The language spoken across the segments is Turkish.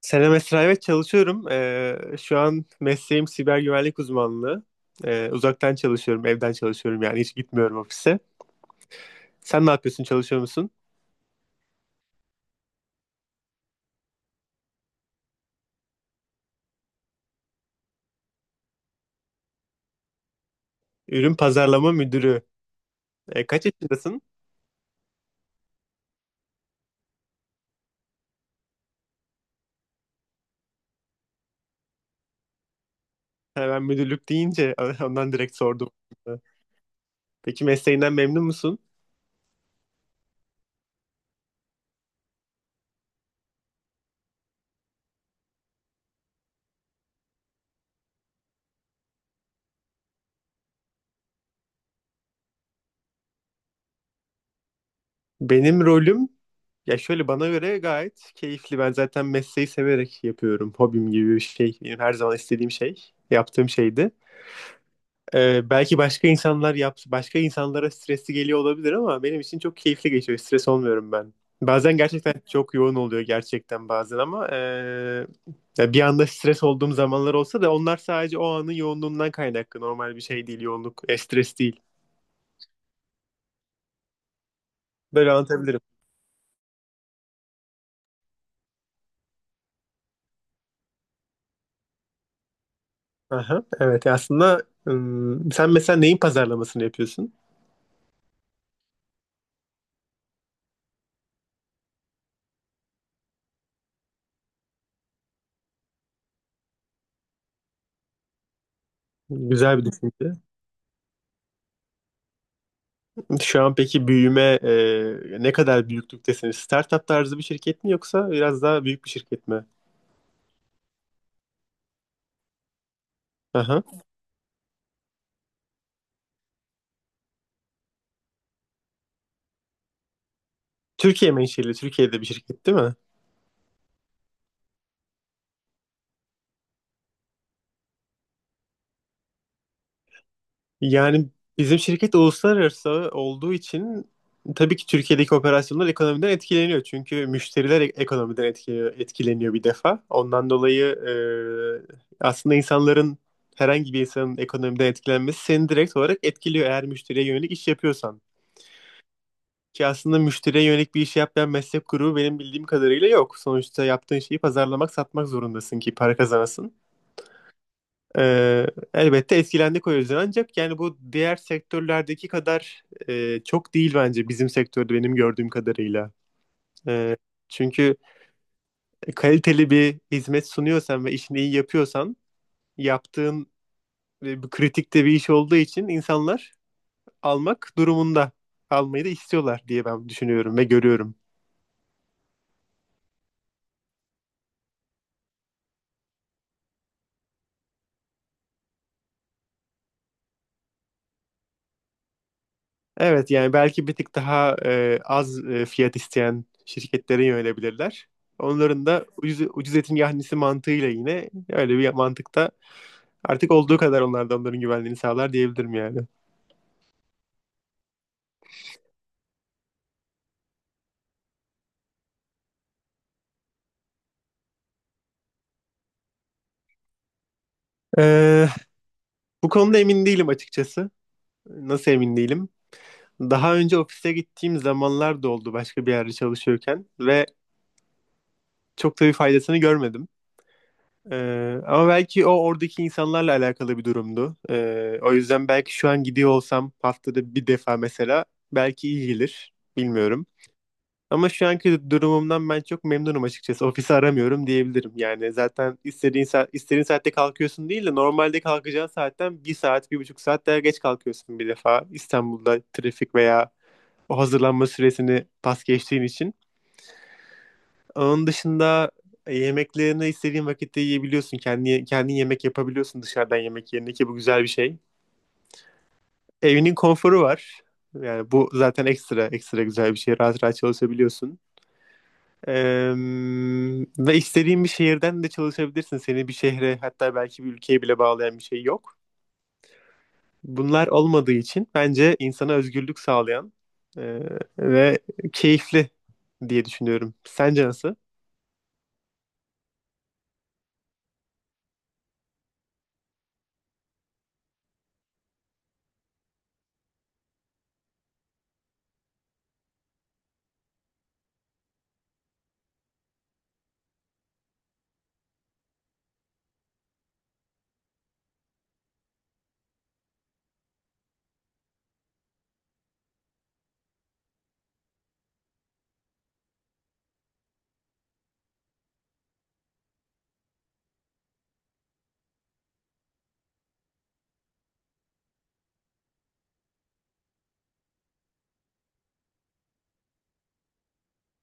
Selam Esra, evet çalışıyorum. Şu an mesleğim siber güvenlik uzmanlığı. Uzaktan çalışıyorum, evden çalışıyorum yani hiç gitmiyorum ofise. Sen ne yapıyorsun, çalışıyor musun? Ürün pazarlama müdürü. Kaç yaşındasın? Ha, ben müdürlük deyince ondan direkt sordum. Peki mesleğinden memnun musun? Benim rolüm, ya şöyle bana göre gayet keyifli. Ben zaten mesleği severek yapıyorum. Hobim gibi bir şey. Benim her zaman istediğim şey, yaptığım şeydi. Belki başka insanlar başka insanlara stresli geliyor olabilir ama benim için çok keyifli geçiyor. Stres olmuyorum ben. Bazen gerçekten çok yoğun oluyor gerçekten bazen ama ya bir anda stres olduğum zamanlar olsa da onlar sadece o anın yoğunluğundan kaynaklı. Normal bir şey değil yoğunluk, stres değil. Böyle anlatabilirim. Aha, evet aslında, sen mesela neyin pazarlamasını yapıyorsun? Güzel bir düşünce. Şu an peki ne kadar büyüklüktesiniz? Startup tarzı bir şirket mi yoksa biraz daha büyük bir şirket mi? Aha. Türkiye menşeli, Türkiye'de bir şirket değil mi? Yani bizim şirket uluslararası olduğu için tabii ki Türkiye'deki operasyonlar ekonomiden etkileniyor. Çünkü müşteriler ekonomiden etkileniyor, etkileniyor bir defa. Ondan dolayı aslında insanların herhangi bir insanın ekonomiden etkilenmesi seni direkt olarak etkiliyor eğer müşteriye yönelik iş yapıyorsan. Ki aslında müşteriye yönelik bir iş yapmayan meslek grubu benim bildiğim kadarıyla yok. Sonuçta yaptığın şeyi pazarlamak, satmak zorundasın ki para kazanasın. Ee, Elbette etkilendik o yüzden ancak yani bu diğer sektörlerdeki kadar çok değil bence bizim sektörde benim gördüğüm kadarıyla. Ee, Çünkü kaliteli bir hizmet sunuyorsan ve işini iyi yapıyorsan yaptığın bu kritikte bir iş olduğu için insanlar almak durumunda almayı da istiyorlar diye ben düşünüyorum ve görüyorum. Evet yani belki bir tık daha az fiyat isteyen şirketlere yönelebilirler. Onların da ucuz, ucuz etin yahnisi mantığıyla yine öyle bir mantıkta artık olduğu kadar onlar da onların güvenliğini sağlar diyebilirim yani. Ee, Bu konuda emin değilim açıkçası. Nasıl emin değilim? Daha önce ofise gittiğim zamanlar da oldu başka bir yerde çalışıyorken ve çok da bir faydasını görmedim. Ama belki o oradaki insanlarla alakalı bir durumdu. O yüzden belki şu an gidiyor olsam haftada bir defa mesela belki iyi gelir. Bilmiyorum. Ama şu anki durumumdan ben çok memnunum açıkçası. Ofisi aramıyorum diyebilirim. Yani zaten istediğin saatte kalkıyorsun değil de normalde kalkacağın saatten bir saat, 1,5 saat daha geç kalkıyorsun bir defa. İstanbul'da trafik veya o hazırlanma süresini pas geçtiğin için. Onun dışında yemeklerini istediğin vakitte yiyebiliyorsun. Kendin yemek yapabiliyorsun dışarıdan yemek yerine ki bu güzel bir şey. Evinin konforu var. Yani bu zaten ekstra ekstra güzel bir şey. Rahat rahat çalışabiliyorsun. Eee, Ve istediğin bir şehirden de çalışabilirsin. Seni bir şehre hatta belki bir ülkeye bile bağlayan bir şey yok. Bunlar olmadığı için bence insana özgürlük sağlayan ve keyifli diye düşünüyorum. Sence nasıl?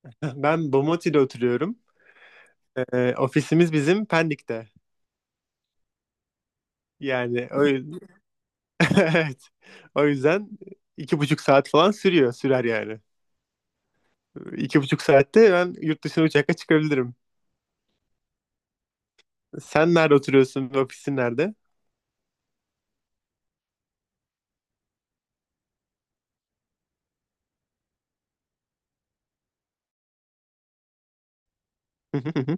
Ben Bomonti'de oturuyorum. Ofisimiz bizim Pendik'te. Yani o… evet. O yüzden 2,5 saat falan sürer yani. 2,5 saatte ben yurt dışına uçakla çıkabilirim. Sen nerede oturuyorsun ve ofisin nerede? Hı hı hı.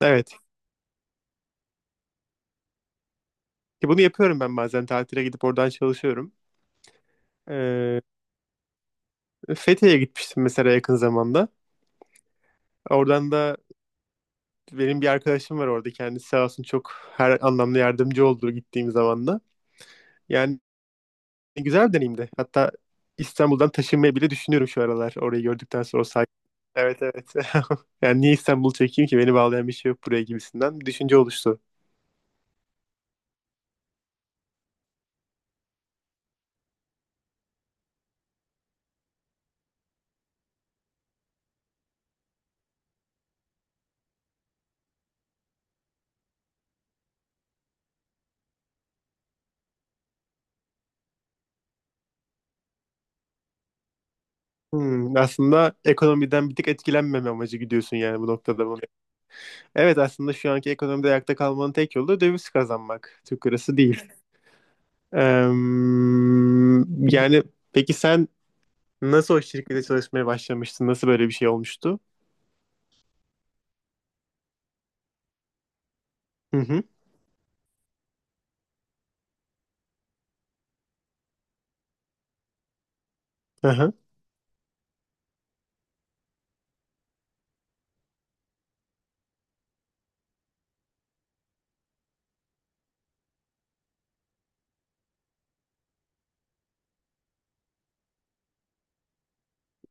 Evet. Ki bunu yapıyorum ben bazen tatile gidip oradan çalışıyorum. Ee, Fethiye'ye gitmiştim mesela yakın zamanda. Oradan da benim bir arkadaşım var orada. Kendisi sağ olsun çok her anlamda yardımcı oldu gittiğim zaman da. Yani güzel bir deneyimdi. Hatta İstanbul'dan taşınmayı bile düşünüyorum şu aralar. Orayı gördükten sonra o sahil. Evet, evet. Yani niye İstanbul çekeyim ki? Beni bağlayan bir şey yok buraya gibisinden bir düşünce oluştu. Hmm, aslında ekonomiden bir tık etkilenmeme amacı gidiyorsun yani bu noktada, mı? Evet, aslında şu anki ekonomide ayakta kalmanın tek yolu da döviz kazanmak. Türk lirası değil. Yani peki sen nasıl o şirkete çalışmaya başlamıştın? Nasıl böyle bir şey olmuştu? Hı hı. Aha.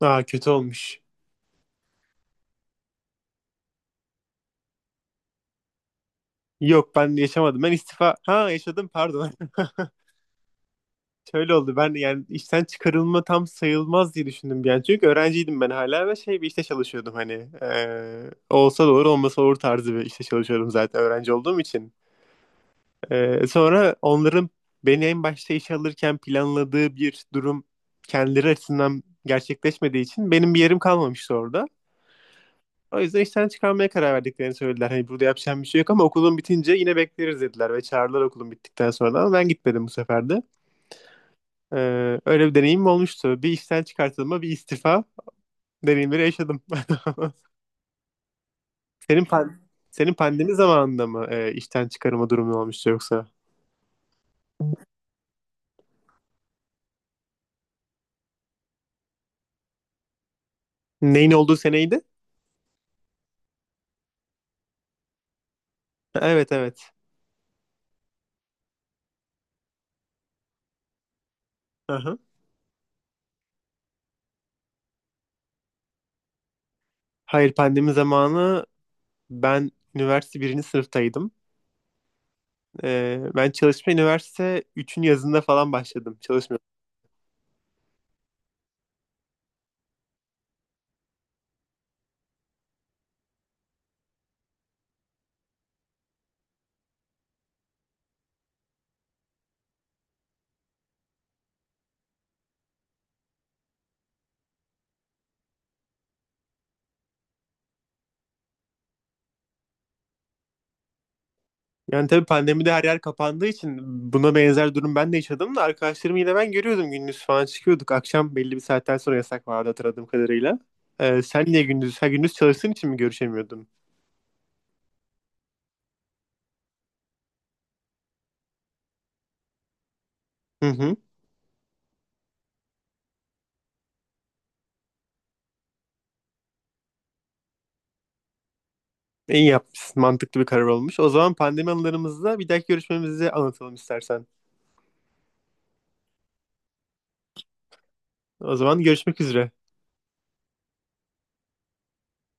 Aa, kötü olmuş. Yok, ben yaşamadım. Ben istifa… Ha, yaşadım pardon. Şöyle oldu, ben yani işten çıkarılma tam sayılmaz diye düşündüm bir an. Çünkü öğrenciydim ben hala ve şey bir işte çalışıyordum hani. Olsa doğru olmasa olur tarzı bir işte çalışıyordum zaten öğrenci olduğum için. Sonra onların beni en başta işe alırken planladığı bir durum kendileri açısından gerçekleşmediği için benim bir yerim kalmamıştı orada. O yüzden işten çıkarmaya karar verdiklerini söylediler. Hani burada yapacağım bir şey yok ama okulun bitince yine bekleriz dediler ve çağırdılar okulun bittikten sonra ama ben gitmedim bu sefer de. Öyle bir deneyim olmuştu. Bir işten çıkartılma, bir istifa deneyimleri yaşadım. Senin pan senin pandemi zamanında mı işten çıkarma durumu olmuştu yoksa? Neyin olduğu seneydi? Evet, evet. Aha. Hayır, pandemi zamanı ben üniversite birinci sınıftaydım. Ben üniversite üçün yazında falan başladım. Çalışma. Yani tabii pandemide her yer kapandığı için buna benzer durum ben de yaşadım da arkadaşlarımı yine ben görüyordum gündüz falan çıkıyorduk. Akşam belli bir saatten sonra yasak vardı hatırladığım kadarıyla. Sen niye gündüz? Her gündüz çalıştığın için mi görüşemiyordun? Hı hı. İyi yapmışsın. Mantıklı bir karar olmuş. O zaman pandemi anılarımızda bir dahaki görüşmemizi anlatalım istersen. O zaman görüşmek üzere.